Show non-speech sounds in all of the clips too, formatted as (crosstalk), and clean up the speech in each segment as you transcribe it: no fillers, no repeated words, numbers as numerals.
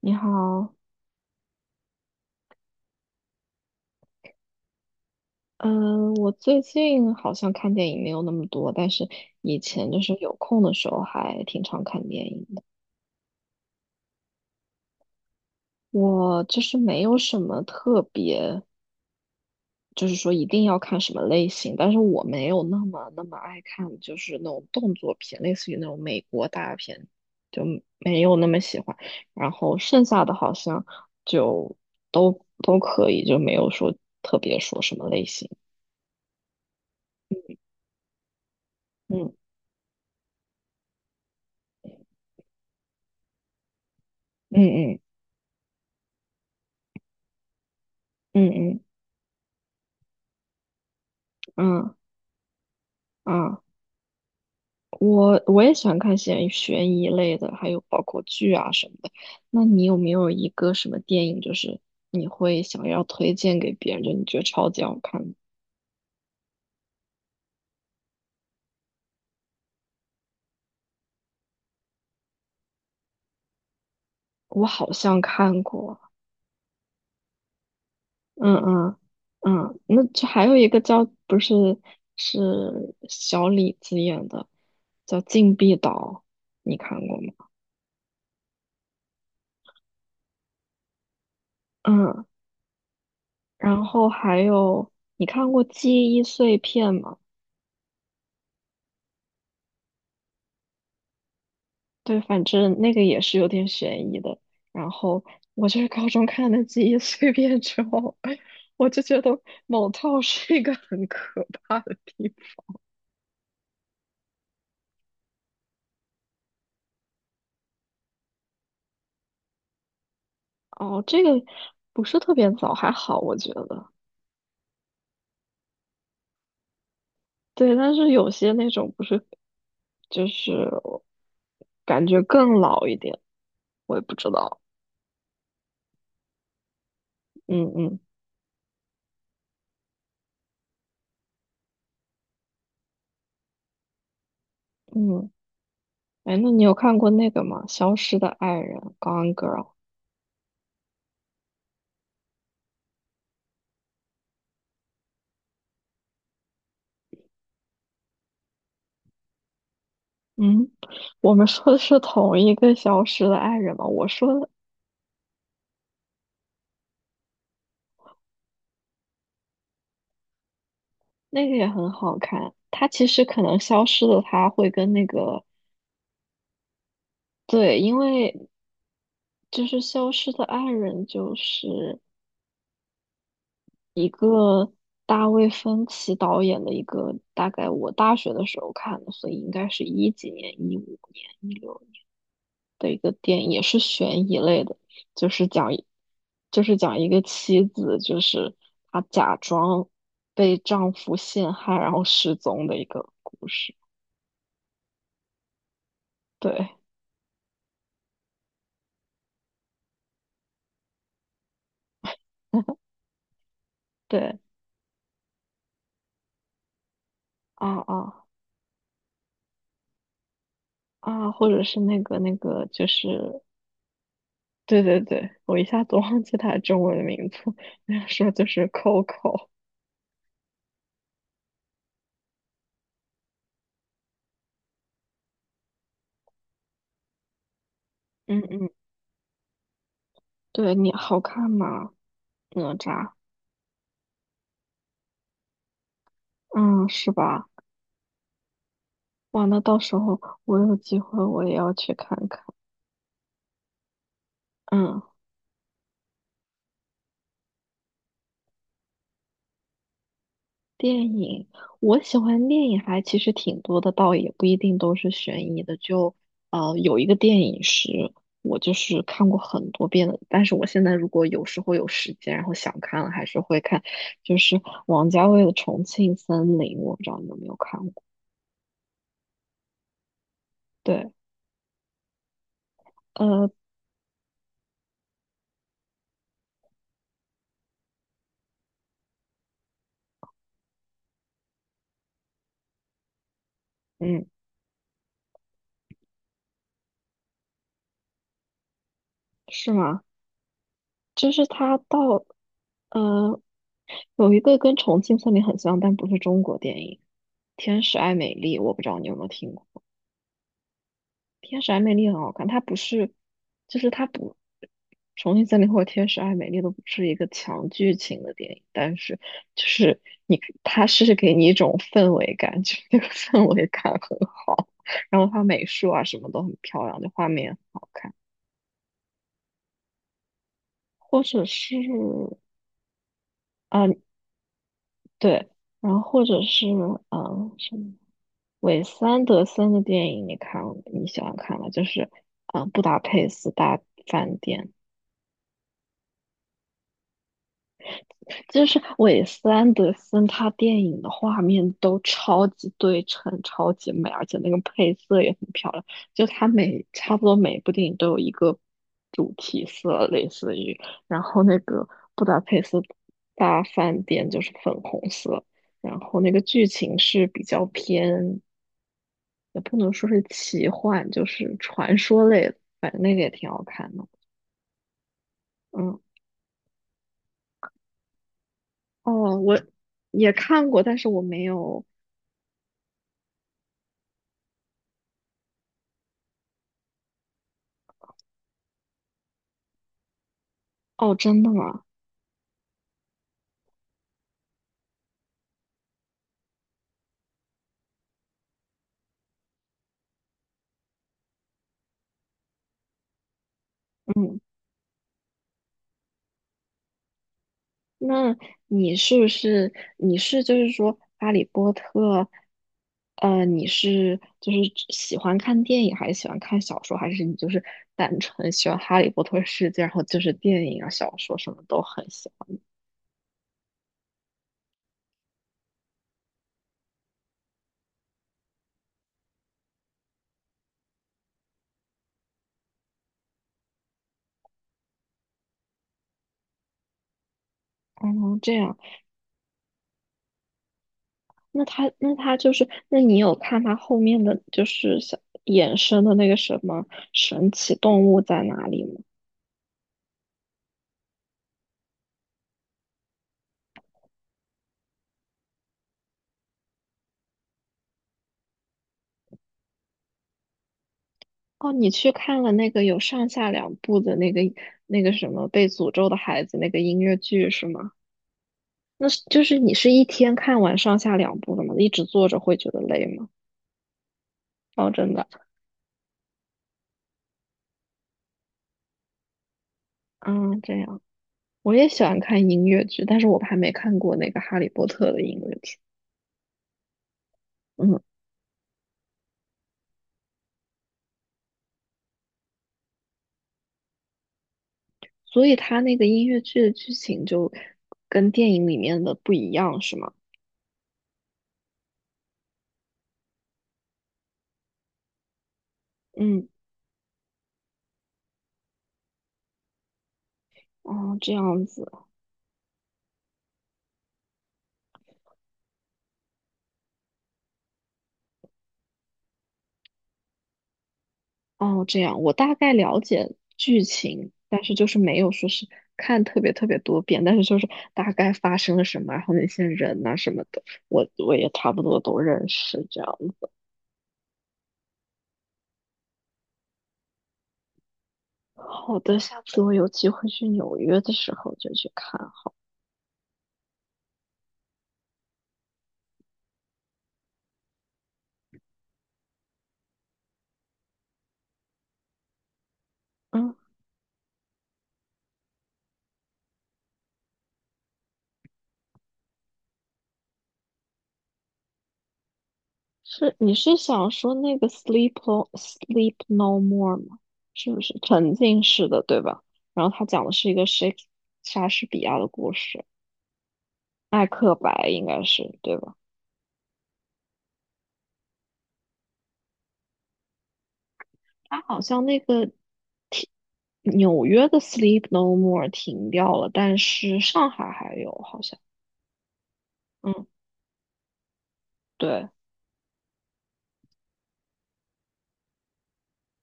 你好，嗯，我最近好像看电影没有那么多，但是以前就是有空的时候还挺常看电影的。我就是没有什么特别，就是说一定要看什么类型，但是我没有那么爱看，就是那种动作片，类似于那种美国大片，就没有那么喜欢。然后剩下的好像就都可以，就没有说特别说什么类型。嗯嗯嗯嗯嗯嗯。啊，我也喜欢看悬疑类的，还有包括剧啊什么的。那你有没有一个什么电影，就是你会想要推荐给别人，就你觉得超级好看的？我好像看过，嗯嗯嗯，那就还有一个叫不是是小李子演的，叫《禁闭岛》，你看过吗？嗯，然后还有你看过《记忆碎片》吗？对，反正那个也是有点悬疑的。然后我就是高中看的《记忆碎片》之后，(laughs) 我就觉得某套是一个很可怕的地方。哦，这个不是特别早，还好我觉得。对，但是有些那种不是，就是感觉更老一点，我也不知道。嗯嗯嗯，哎，那你有看过那个吗？《消失的爱人》（Gone Girl）？嗯，我们说的是同一个消失的爱人嘛？我说的那个也很好看，他其实可能消失的他会跟那个，对，因为就是消失的爱人就是一个大卫芬奇导演的一个，大概我大学的时候看的，所以应该是一几年、一五年、一六的一个电影，也是悬疑类的，就是讲一就是讲一个妻子，就是她假装被丈夫陷害，然后失踪的一个故事。对对啊啊啊，或者是那个，就是对对对，我一下子忘记它的中文名字，那个时候就是 Coco。嗯嗯，对你好看吗？哪吒，嗯，是吧？哇，那到时候我有机会我也要去看看。嗯。电影，我喜欢电影还其实挺多的，倒也不一定都是悬疑的。就有一个电影是我就是看过很多遍的，但是我现在如果有时候有时间，然后想看了，还是会看，就是王家卫的《重庆森林》，我不知道你有没有看过。对，呃，嗯，是吗？就是他到呃有一个跟《重庆森林》很像，但不是中国电影，《天使爱美丽》，我不知道你有没有听过。天使爱美丽很好看，它不是，就是它不，《重庆森林》或者《天使爱美丽》都不是一个强剧情的电影，但是就是你可它是给你一种氛围感，(laughs) 就是那个氛围感很好，然后它美术啊什么都很漂亮，就画面很好看，或者是啊、对，然后或者是什么韦斯安德森的电影，你看你喜欢看吗？就是布达佩斯大饭店》。就是韦斯安德森他电影的画面都超级对称，超级美，而且那个配色也很漂亮。就他每差不多每一部电影都有一个主题色，类似于，然后那个布达佩斯大饭店就是粉红色，然后那个剧情是比较偏，也不能说是奇幻，就是传说类的，反正那个也挺好看的。嗯，哦，我也看过，但是我没有。哦，真的吗？那你是不是你是就是说《哈利波特》，你是就是喜欢看电影，还是喜欢看小说，还是你就是单纯喜欢《哈利波特》世界，然后就是电影啊、小说什么都很喜欢？哦，这样，那他那他就是，那你有看他后面的就是小衍生的那个什么神奇动物在哪里吗？哦，你去看了那个有上下两部的那个什么被诅咒的孩子那个音乐剧是吗？那是就是你是一天看完上下两部的吗？一直坐着会觉得累吗？哦，真的，嗯，这样。我也喜欢看音乐剧，但是我还没看过那个《哈利波特》的音乐剧。嗯，所以它那个音乐剧的剧情就跟电影里面的不一样，是吗？嗯，哦，这样子，哦，这样。我大概了解剧情，但是就是没有说是看特别特别多遍，但是就是大概发生了什么，然后那些人呐、什么的，我也差不多都认识，这样。好的，下次我有机会去纽约的时候就去看。嗯，是你是想说那个 Sleep No More 吗？是不是沉浸式的，对吧？然后它讲的是一个 莎士比亚的故事，艾克白应该是对吧？它好像那个停纽约的 Sleep No More 停掉了，但是上海还有好像。嗯，对。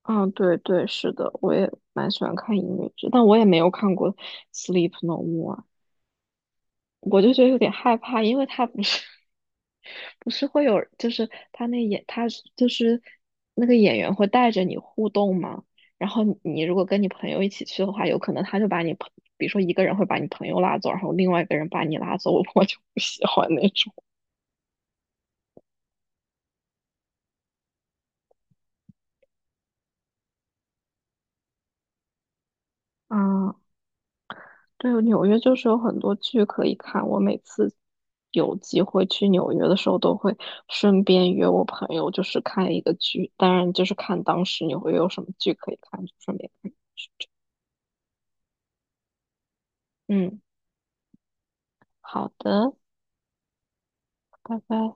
嗯，对对，是的，我也蛮喜欢看音乐剧，但我也没有看过《Sleep No More》，我就觉得有点害怕，因为它不是 (laughs) 不是会有，就是他那演他是就是那个演员会带着你互动嘛，然后你如果跟你朋友一起去的话，有可能他就把你朋，比如说一个人会把你朋友拉走，然后另外一个人把你拉走，我就不喜欢那种。啊。对，纽约就是有很多剧可以看。我每次有机会去纽约的时候，都会顺便约我朋友，就是看一个剧。当然，就是看当时你会有什么剧可以看，就顺便看嗯，好的，拜拜。